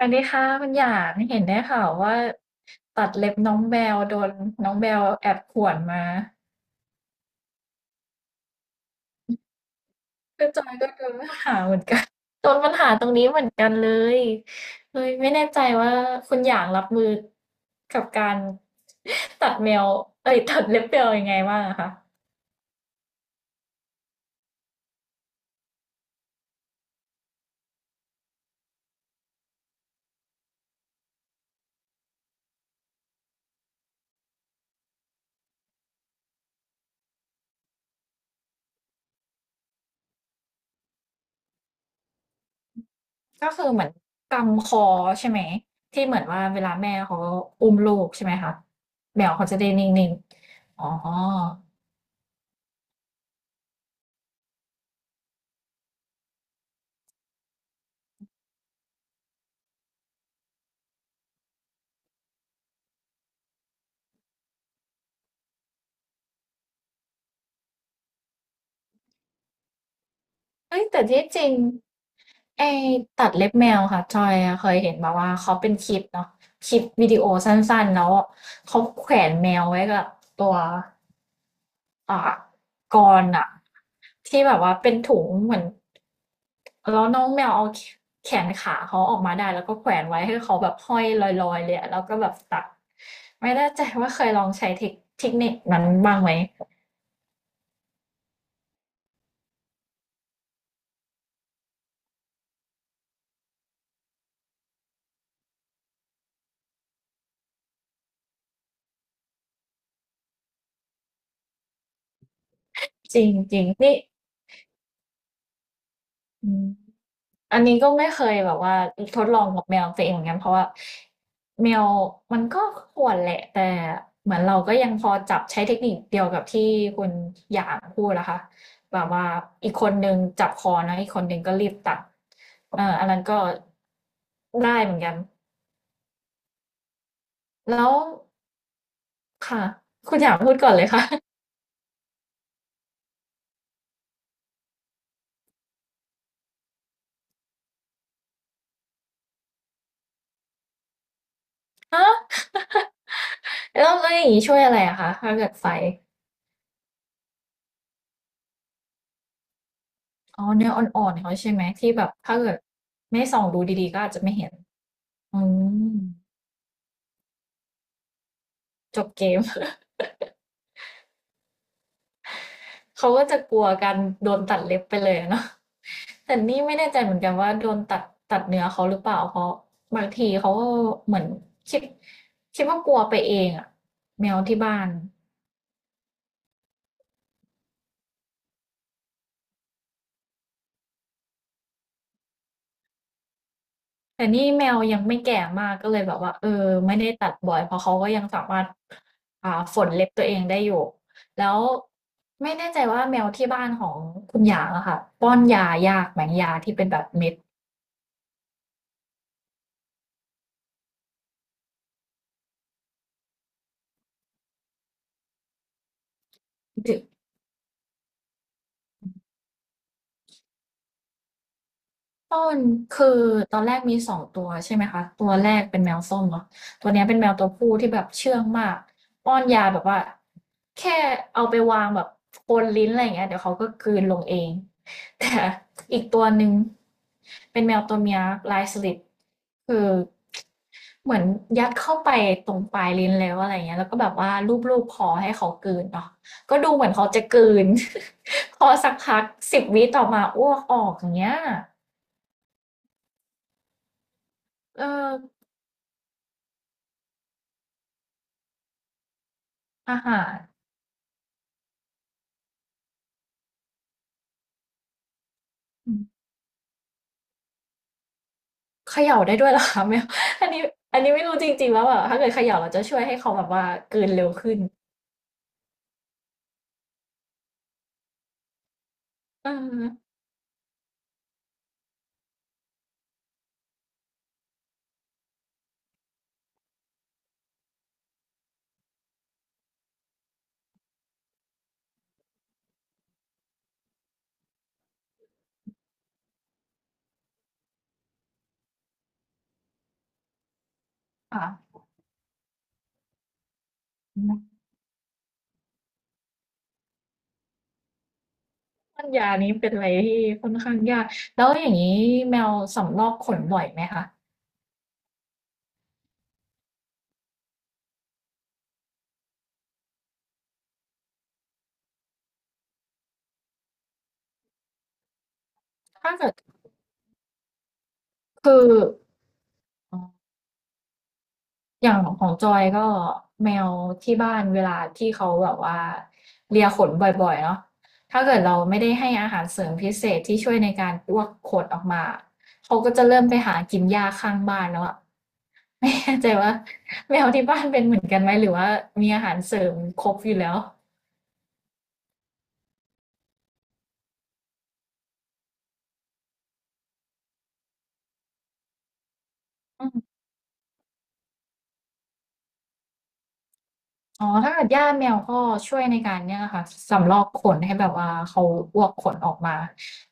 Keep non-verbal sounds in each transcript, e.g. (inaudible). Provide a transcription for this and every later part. อันนี้ค่ะคุณหยางเห็นได้ข่าวว่าตัดเล็บน้องแบลโดนน้องแบลแอบข่วนมาก็จอยก็โดนปัญหาเหมือนกันโดนปัญหาตรงนี้เหมือนกันเลย (laughs) เลยไม่แน่ใจว่าคุณหยางรับมือกับการตัดแมวเอ้ยตัดเล็บแมวยังไงบ้างอะคะก็คือเหมือนกำคอใช่ไหมที่เหมือนว่าเวลาแม่เขาอุ้มลูกใช่ไหมคะแมวเขาจะได้นิ่งๆอ๋อ เอ้ยแต่ที่จริงไอ้ตัดเล็บแมวค่ะจอยอะเคยเห็นมาว่าเขาเป็นคลิปเนาะคลิปวิดีโอสั้นๆแล้วเขาแขวนแมวไว้กับตัวอ่ากรอะที่แบบว่าเป็นถุงเหมือนแล้วน้องแมวเอาแขนขาเขาออกมาได้แล้วก็แขวนไว้ให้เขาแบบห้อยลอยๆเลยอะแล้วก็แบบตัดไม่แน่ใจว่าเคยลองใช้เทคนิคนั้นบ้างไหมจริงจริงนี่อืม อันนี้ก็ไม่เคยแบบว่าทดลองกับแมวตัวเองเหมือนกันเพราะว่าแมวมันก็ข่วนแหละแต่เหมือนเราก็ยังพอจับใช้เทคนิคเดียวกับที่คุณหยางพูดนะคะแบบว่าอีกคนหนึงจับคอนะอีกคนหนึงก็รีบตัดอันนั้นก็ได้เหมือนกันแล้วค่ะคุณหยางพูดก่อนเลยค่ะ (laughs) ฮะแล้วแล้วอย่างนี้ช่วยอะไรอะคะถ้าเกิดไฟอ๋อเนื้ออ่อนๆเขาใช่ไหมที่แบบถ้าเกิดไม่ส่องดูดีๆก็อาจจะไม่เห็นอืม จบเกม (laughs) เขาก็จะกลัวการโดนตัดเล็บไปเลยเนาะ (laughs) แต่นี่ไม่แน่ใจเหมือนกันว่าโดนตัดเนื้อเขาหรือเปล่าเพราะบางทีเขาก็เหมือนคิดคิดว่ากลัวไปเองอะแมวที่บ้านแต่นี่แมวยังไม่แก่มากก็เลยแบบว่าเออไม่ได้ตัดบ่อยเพราะเขาก็ยังสามารถอ่าฝนเล็บตัวเองได้อยู่แล้วไม่แน่ใจว่าแมวที่บ้านของคุณหยางอะค่ะป้อนยายากไหมยาที่เป็นแบบเม็ด ต้นคือตอนแรกมีสองตัวใช่ไหมคะตัวแรกเป็นแมวส้มเนาะตัวเนี้ยเป็นแมวตัวผู้ที่แบบเชื่องมากป้อนยาแบบว่าแค่เอาไปวางแบบบนลิ้นอะไรอย่างเงี้ยเดี๋ยวเขาก็กลืนลงเองแต่อีกตัวหนึ่งเป็นแมวตัวเมียลายสลิดคือเหมือนยัดเข้าไปตรงปลายลิ้นแล้วอะไรเงี้ยแล้วก็แบบว่าลูบๆคอให้เขากลืนเนาะก็ดูเหมือนเขาจะกลืน (laughs) พอสักพักสิบวิต่อมาอ้วกออกอย่างเงี้ย เอออาหารอืมเขย่าได้ด้วยเหรอคะไม่อันนี้อันนี้ไม่รู้จริงๆว่าแบบถ้าเกิดเขย่าเราจะช่วยให้เขาแบบว่ากลืนเร็วขึ้นเออค่ะอืมป้อนยานี้เป็นอะไรที่ค่อนข้างยากแล้วอย่างนี้แมวสำรอกขนบ่อยไหมคะถ้าเกิดคืออ๋อ อย่างของจอยก็แมวที่บ้านเวลาที่เขาแบบว่าเลียขนบ่อยๆเนาะถ้าเกิดเราไม่ได้ให้อาหารเสริมพิเศษที่ช่วยในการลวกขนออกมาเขาก็จะเริ่มไปหากินหญ้าข้างบ้านแล้วอะ (laughs) ไม่แน่ใจว่าแมวที่บ้านเป็นเหมือนกันไหมหรือว่ามีอาหารเสริมครบอยู่แล้ว อ๋อถ้าเกิดหญ้าแมวก็ช่วยในการเนี่ยค่ะสำรอกขนให้แบบว่าเขาอ้วกขนออกมา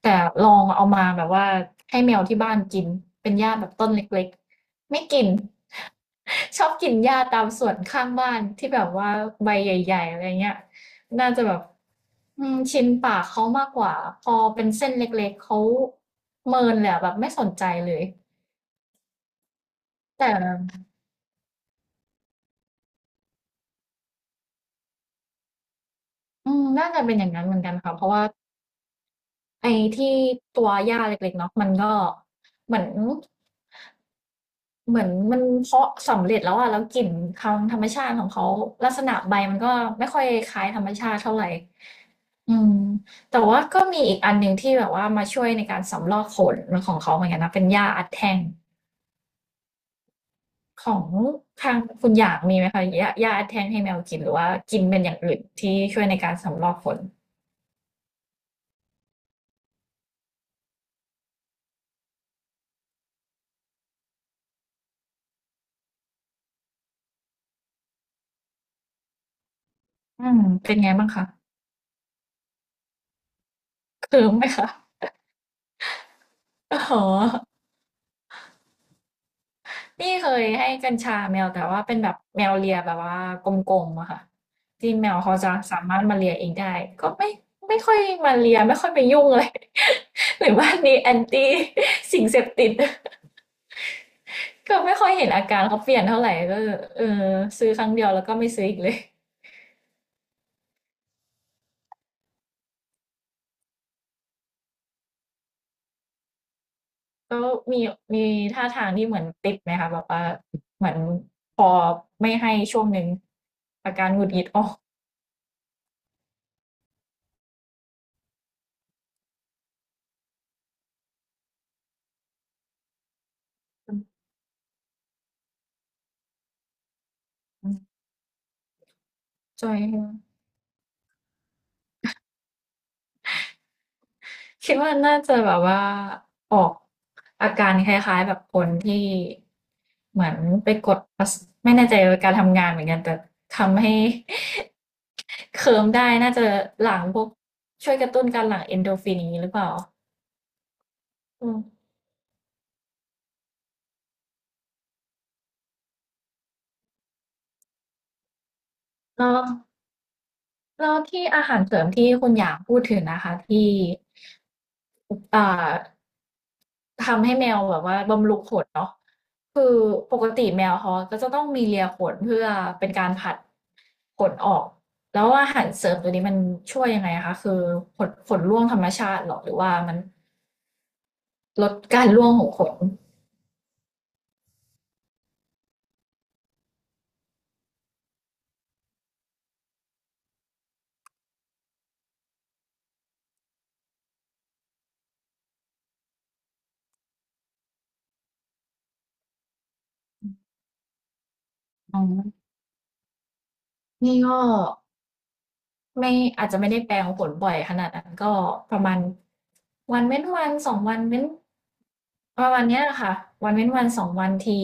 แต่ลองเอามาแบบว่าให้แมวที่บ้านกินเป็นหญ้าแบบต้นเล็กๆไม่กิน (laughs) ชอบกินหญ้าตามสวนข้างบ้านที่แบบว่าใบใหญ่ๆอะไรเงี้ยน่าจะแบบอืมชินปากเขามากกว่าพอเป็นเส้นเล็กๆเขาเมินเลยอะแบบไม่สนใจเลยแต่อืมน่าจะเป็นอย่างนั้นเหมือนกันค่ะเพราะว่า ไอ้ที่ตัวหญ้าเล็กๆเนาะมันก็เหมือนเหมือนมันเพาะสำเร็จแล้วอะแล้วกลิ่นทางธรรมชาติของเขาลักษณะใบมันก็ไม่ค่อยคล้ายธรรมชาติเท่าไหร่อืมแต่ว่าก็มีอีกอันหนึ่งที่แบบว่ามาช่วยในการสำรอกขนของเขาเหมือนกันนะเป็นหญ้าอัดแท่งของทางคุณหยางมีไหมคะหญ้าอัดแท่งให้แมวกินหรือว่ากินเป็นอย่างอื่นที่ช่วยในการสำรอกขนอืมเป็นไงบ้างคะเคืมไหมคะ (laughs) อ๋อ นี่เคยให้กัญชาแมวแต่ว่าเป็นแบบแมวเลียแบบว่ากลมๆอะค่ะที่แมวเขาจะสามารถมาเลียเองได้ก็ไม่ค่อยมาเลียไม่ค่อยไปยุ่งเลย (laughs) หรือว่านี่แอนตี้สิ่งเสพติด (laughs) ก็ไม่ค่อยเห็นอาการเขาเปลี่ยนเท่าไหร่ก็เออซื้อครั้งเดียวแล้วก็ไม่ซื้ออีกเลย (laughs) ก็มีมีท่าทางที่เหมือนติดไหมคะแบบว่าเหมือนพอไม่ให้ช่วงหนึ่งอาการหงุดหงิดออกจอย คิดว่าน่าจะแบบว่าออกอาการคล้ายๆแบบคนที่เหมือนไปกดประสไม่แน่ใจว่าการทำงานเหมือนกันแต่ทำให้ (laughs) เคิมได้น่าจะหลั่งพวกช่วยกระตุ้นการหลั่งเอนโดรฟินอย่างนี้หรือเปล่าอืมแล้วแล้วที่อาหารเสริมที่คุณอยากพูดถึงนะคะที่อ่า ทำให้แมวแบบว่าบำรุงขนเนาะคือปกติแมวเขาก็จะต้องมีเลียขนเพื่อเป็นการผลัดขนออกแล้วอาหารเสริมตัวนี้มันช่วยยังไงคะคือขนร่วงธรรมชาติเหรอหรือว่ามันลดการร่วงของขนอ๋อนี่ก็ ไม่อาจจะไม่ได้แปลงผลบ่อยขนาดนั้นก็ประมาณวันเว้นวัน2วันเว้นประมาณเนี้ยค่ะวันเว้นวัน2วันที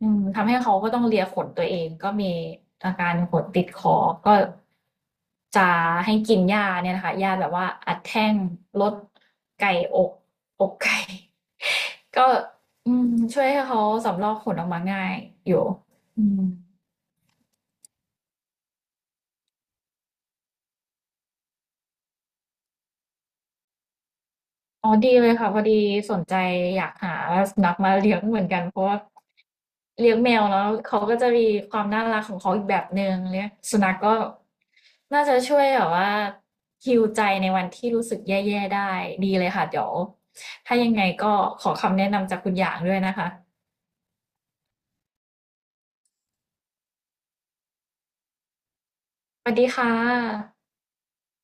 อืมทำให้เขาก็ต้องเลียขนตัวเองก็มีอาการขนติดคอก็จะให้กินยาเนี่ยนะคะยาแบบว่าอัดแท่งลดไก่อกอกไก่ (laughs) ก็อืมช่วยให้เขาสำรอกขนออกมาง่ายอยู่อืม อ๋อดีเลยค่ะพอดีสนใจอยากหาสุนัขมาเลี้ยงเหมือนกัน เพราะว่าเลี้ยงแมวแล้วเขาก็จะมีความน่ารักของเขาอีกแบบหนึ่งเลี้ยงสุนัขก็น่าจะช่วยแบบว่าฮีลใจในวันที่รู้สึกแย่ๆได้ดีเลยค่ะเดี๋ยวถ้ายังไงก็ขอคำแนะนำจากคุณอย่างด้วยนะคะสวัสดีค่ะ